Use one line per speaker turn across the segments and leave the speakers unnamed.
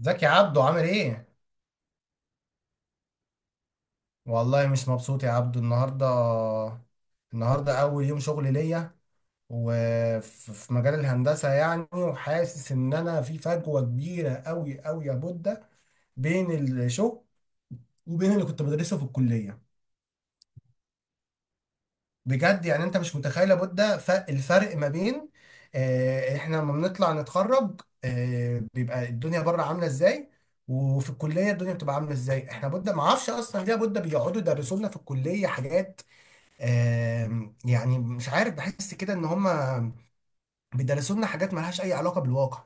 ازيك يا عبدو؟ عامل ايه؟ والله مش مبسوط يا عبدو النهارده اول يوم شغل ليا، وفي مجال الهندسه يعني. وحاسس ان انا في فجوه كبيره قوي قوي يا بودة، بين الشغل وبين اللي كنت بدرسه في الكليه. بجد يعني انت مش متخيل يا بودة، الفرق ما بين، احنا لما بنطلع نتخرج، بيبقى الدنيا بره عامله ازاي، وفي الكليه الدنيا بتبقى عامله ازاي. احنا بودة ما اعرفش اصلا ليه يا بودة بيقعدوا يدرسوا لنا في الكليه حاجات. يعني مش عارف، بحس كده ان هم بيدرسوا لنا حاجات مالهاش اي علاقه بالواقع.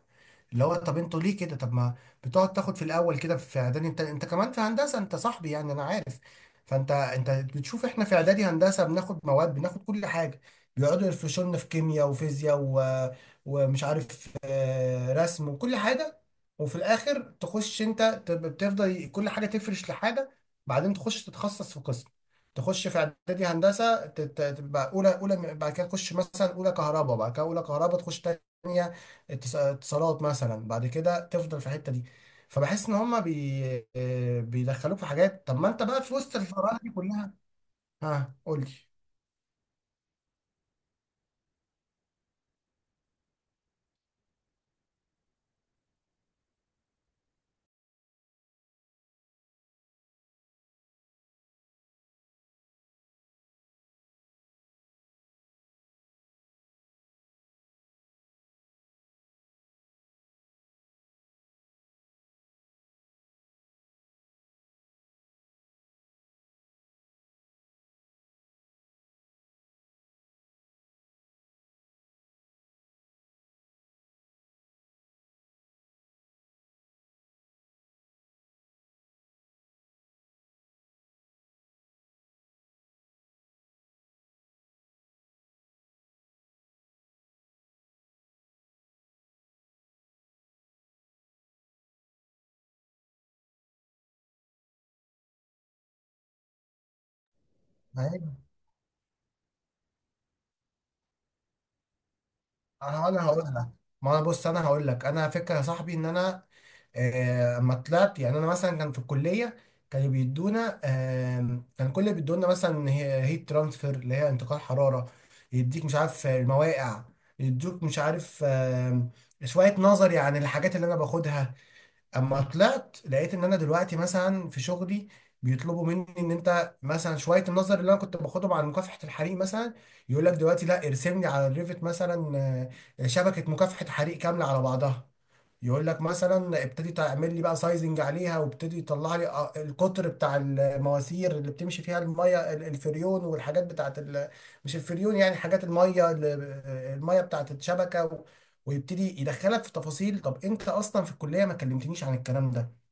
اللي هو، طب انتوا ليه كده؟ طب ما بتقعد تاخد في الاول كده في اعدادي، انت كمان في هندسه، انت صاحبي يعني انا عارف. فانت بتشوف، احنا في اعدادي هندسه بناخد مواد، بناخد كل حاجه. بيقعدوا يفرشوا لنا في كيمياء وفيزياء و ومش عارف، رسم وكل حاجه. وفي الاخر تخش انت بتفضل كل حاجه تفرش لحاجه، بعدين تخش تتخصص في قسم. تخش في اعدادي هندسه تبقى اولى، اولى بعد كده تخش مثلا اولى كهرباء، بعد كده اولى كهرباء تخش تانية اتصالات مثلا، بعد كده تفضل في الحته دي. فبحس ان هما بيدخلوك في حاجات. طب ما انت بقى في وسط الفراغ دي كلها! ها، قول لي. انا هقول لك. ما انا، بص، انا هقول لك. انا فكره يا صاحبي ان انا، اما طلعت، يعني انا مثلا كان في الكليه كانوا بيدونا، كان كل اللي بيدونا مثلا هي هيت ترانسفير، اللي هي انتقال حراره. يديك مش عارف المواقع، يدوك مش عارف، شويه نظري عن الحاجات اللي انا باخدها. اما طلعت لقيت ان انا دلوقتي مثلا في شغلي بيطلبوا مني، ان انت مثلا شويه النظر اللي انا كنت باخدهم على مكافحه الحريق مثلا، يقول لك دلوقتي لا، ارسم لي على الريفت مثلا، شبكه مكافحه حريق كامله على بعضها. يقول لك مثلا ابتدي تعمل لي بقى سايزنج عليها، وابتدي يطلع لي، القطر بتاع المواسير اللي بتمشي فيها الميه، الفريون، والحاجات بتاعت مش الفريون يعني، حاجات الميه، الميه بتاعت الشبكه، و ويبتدي يدخلك في تفاصيل. طب انت اصلا في الكليه ما كلمتنيش عن الكلام ده.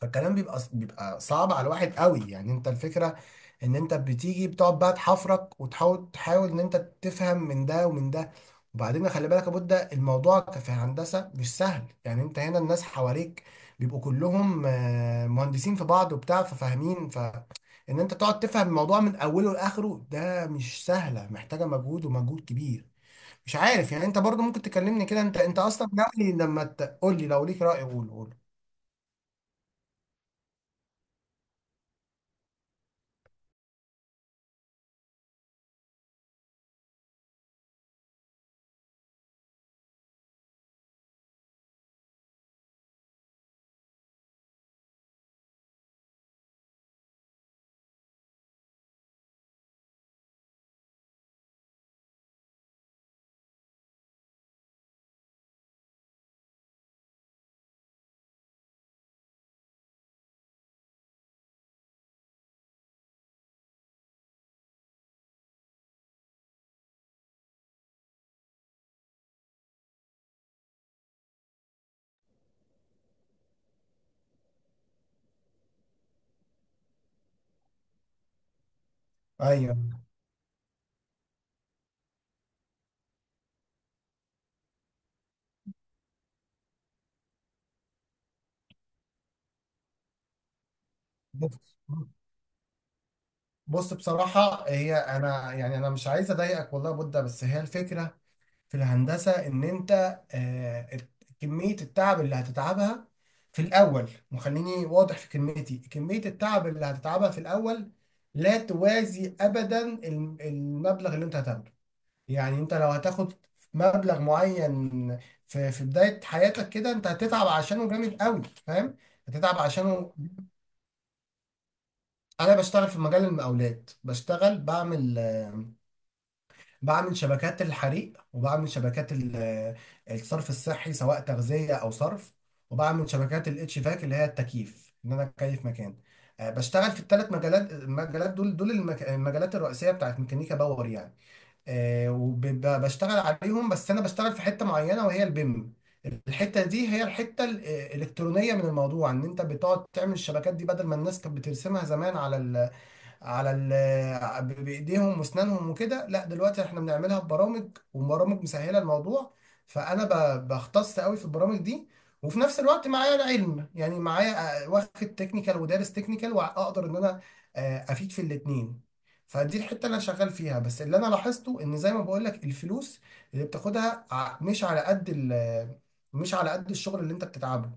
فالكلام بيبقى، صعب على الواحد قوي. يعني انت الفكرة ان انت بتيجي بتقعد بقى تحفرك، وتحاول ان انت تفهم من ده ومن ده. وبعدين خلي بالك يا بودة، الموضوع في هندسة مش سهل. يعني انت هنا الناس حواليك بيبقوا كلهم، مهندسين في بعض وبتاع، ففاهمين. ان انت تقعد تفهم الموضوع من اوله لاخره، ده مش سهلة، محتاجة مجهود، ومجهود كبير. مش عارف، يعني انت برضو ممكن تكلمني كده، انت اصلا ناوي لما تقول لي، لو ليك رأي، قول، قول. ايوه. بص، بصراحة، هي أنا يعني أنا مش عايز أضايقك والله يا بودة، بس هي الفكرة في الهندسة، إن أنت، آه، كمية التعب اللي هتتعبها في الأول، وخليني واضح في كلمتي، كمية التعب اللي هتتعبها في الأول لا توازي أبدا المبلغ اللي أنت هتاخده. يعني أنت لو هتاخد مبلغ معين، في بداية حياتك كده، أنت هتتعب عشانه جامد قوي. فاهم؟ هتتعب عشانه. أنا بشتغل في مجال المقاولات، بشتغل، بعمل شبكات الحريق، وبعمل شبكات الصرف الصحي، سواء تغذية أو صرف. وبعمل شبكات الاتش فاك، اللي هي التكييف، إن أنا أكيف مكان. بشتغل في الثلاث مجالات. دول المجالات الرئيسية بتاعت ميكانيكا باور يعني. وبشتغل عليهم. بس أنا بشتغل في حتة معينة وهي البيم. الحتة دي هي الحتة، الإلكترونية، من الموضوع إن أنت بتقعد تعمل الشبكات دي بدل ما الناس كانت بترسمها زمان على بايديهم واسنانهم وكده. لا، دلوقتي احنا بنعملها ببرامج، وبرامج مسهله الموضوع. فانا، بختص قوي في البرامج دي. وفي نفس الوقت معايا العلم، يعني معايا، واخد تكنيكال، ودارس تكنيكال، واقدر ان انا، افيد في الاتنين. فدي الحته اللي انا شغال فيها. بس اللي انا لاحظته، ان زي ما بقول لك، الفلوس اللي بتاخدها، مش على قد مش على قد الشغل اللي انت بتتعبه.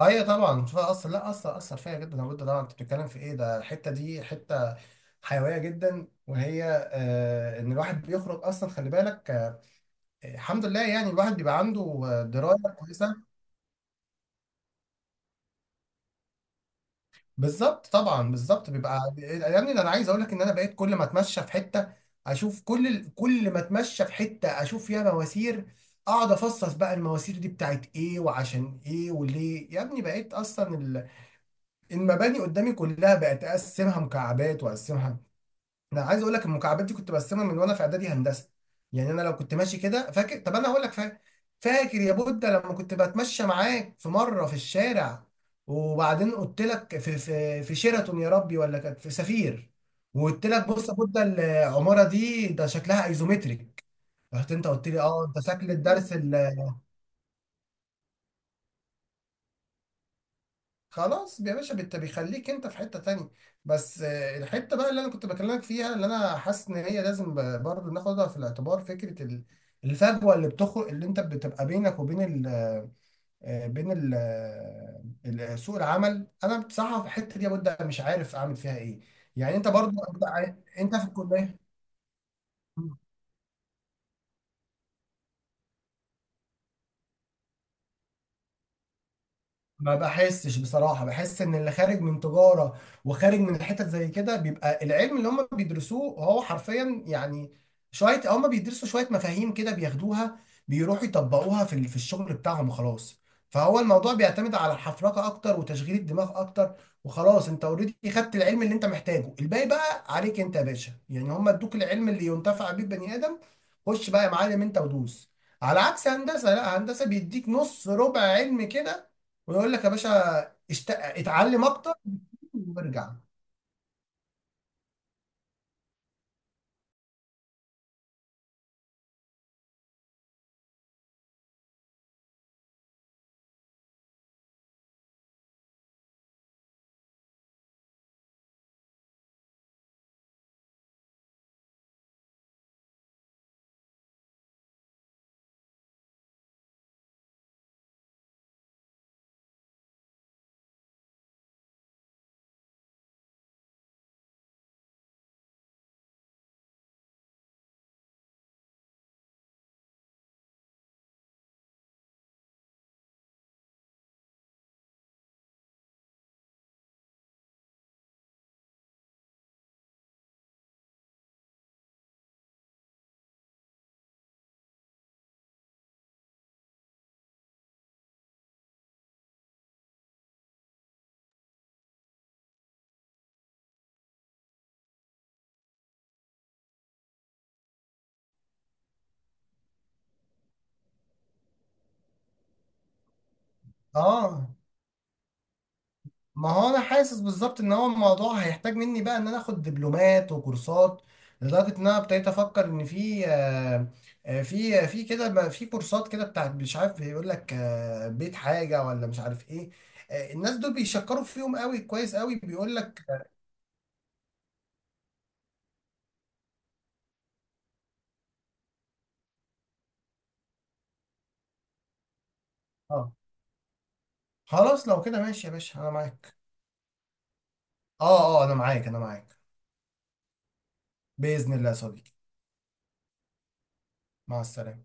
ايوه طبعا. فاثر؟ لا، اثر، اثر فيا جدا، لابد طبعا. انت بتتكلم في ايه؟ ده الحته دي حته حيويه جدا، وهي، ان الواحد بيخرج اصلا خلي بالك، الحمد لله يعني الواحد بيبقى عنده، درايه كويسه. بالظبط، طبعا، بالظبط بيبقى يعني. ده انا عايز اقول لك ان انا بقيت كل ما اتمشى في حته اشوف، كل ما اتمشى في حته اشوف فيها مواسير. اقعد افصص بقى، المواسير دي بتاعت ايه وعشان ايه وليه يا ابني. بقيت اصلا المباني قدامي كلها بقت اقسمها مكعبات، واقسمها. انا عايز اقول لك المكعبات دي كنت برسمها من وانا في اعدادي هندسه. يعني انا لو كنت ماشي كده، فاكر؟ طب انا هقول لك. فاكر فاكر يا بودة لما كنت بتمشى معاك في مره في الشارع؟ وبعدين قلت لك في، في شيراتون يا ربي ولا كانت في سفير، وقلت لك بص يا بودة، العماره دي ده شكلها ايزومتريك. رحت انت قلت لي: اه انت، شكل الدرس. خلاص يا باشا، انت بيخليك انت في حتة تانية. بس، الحتة بقى اللي انا كنت بكلمك فيها، اللي انا حاسس ان هي لازم برضه ناخدها في الاعتبار، فكرة الفجوة اللي بتخرج اللي انت بتبقى بينك وبين ال، بين ال، سوق العمل. انا بصراحة في الحتة دي يا بود مش عارف اعمل فيها ايه. يعني انت برضه انت، أنت في الكلية. ما بحسش بصراحة، بحس ان اللي خارج من تجارة، وخارج من حتت زي كده، بيبقى العلم اللي هم بيدرسوه هو حرفيا، يعني شوية. هم بيدرسوا شوية مفاهيم كده بياخدوها، بيروحوا يطبقوها في في الشغل بتاعهم وخلاص. فهو الموضوع بيعتمد على الحفرقة اكتر، وتشغيل الدماغ اكتر وخلاص. انت اوريدي خدت العلم اللي انت محتاجه، الباقي بقى عليك انت يا باشا. يعني هم ادوك العلم اللي ينتفع بيه بني ادم. خش بقى يا معلم انت ودوس. على عكس هندسة، لا، هندسة بيديك نص ربع علم كده، ويقول لك يا باشا: اتعلم اكتر وارجع. اه، ما هو انا حاسس بالظبط ان هو الموضوع هيحتاج مني بقى ان انا اخد دبلومات وكورسات، لدرجه ان انا ابتديت افكر ان في، في كده في كورسات كده بتاعت، مش عارف، بيقول لك، بيت حاجه ولا مش عارف ايه. الناس دول بيشكروا فيهم قوي، كويس قوي، بيقول لك. اه، خلاص، لو كده ماشي يا باشا انا معاك. اه، اه، انا معاك، انا معاك. باذن الله يا صديقي. مع السلامه.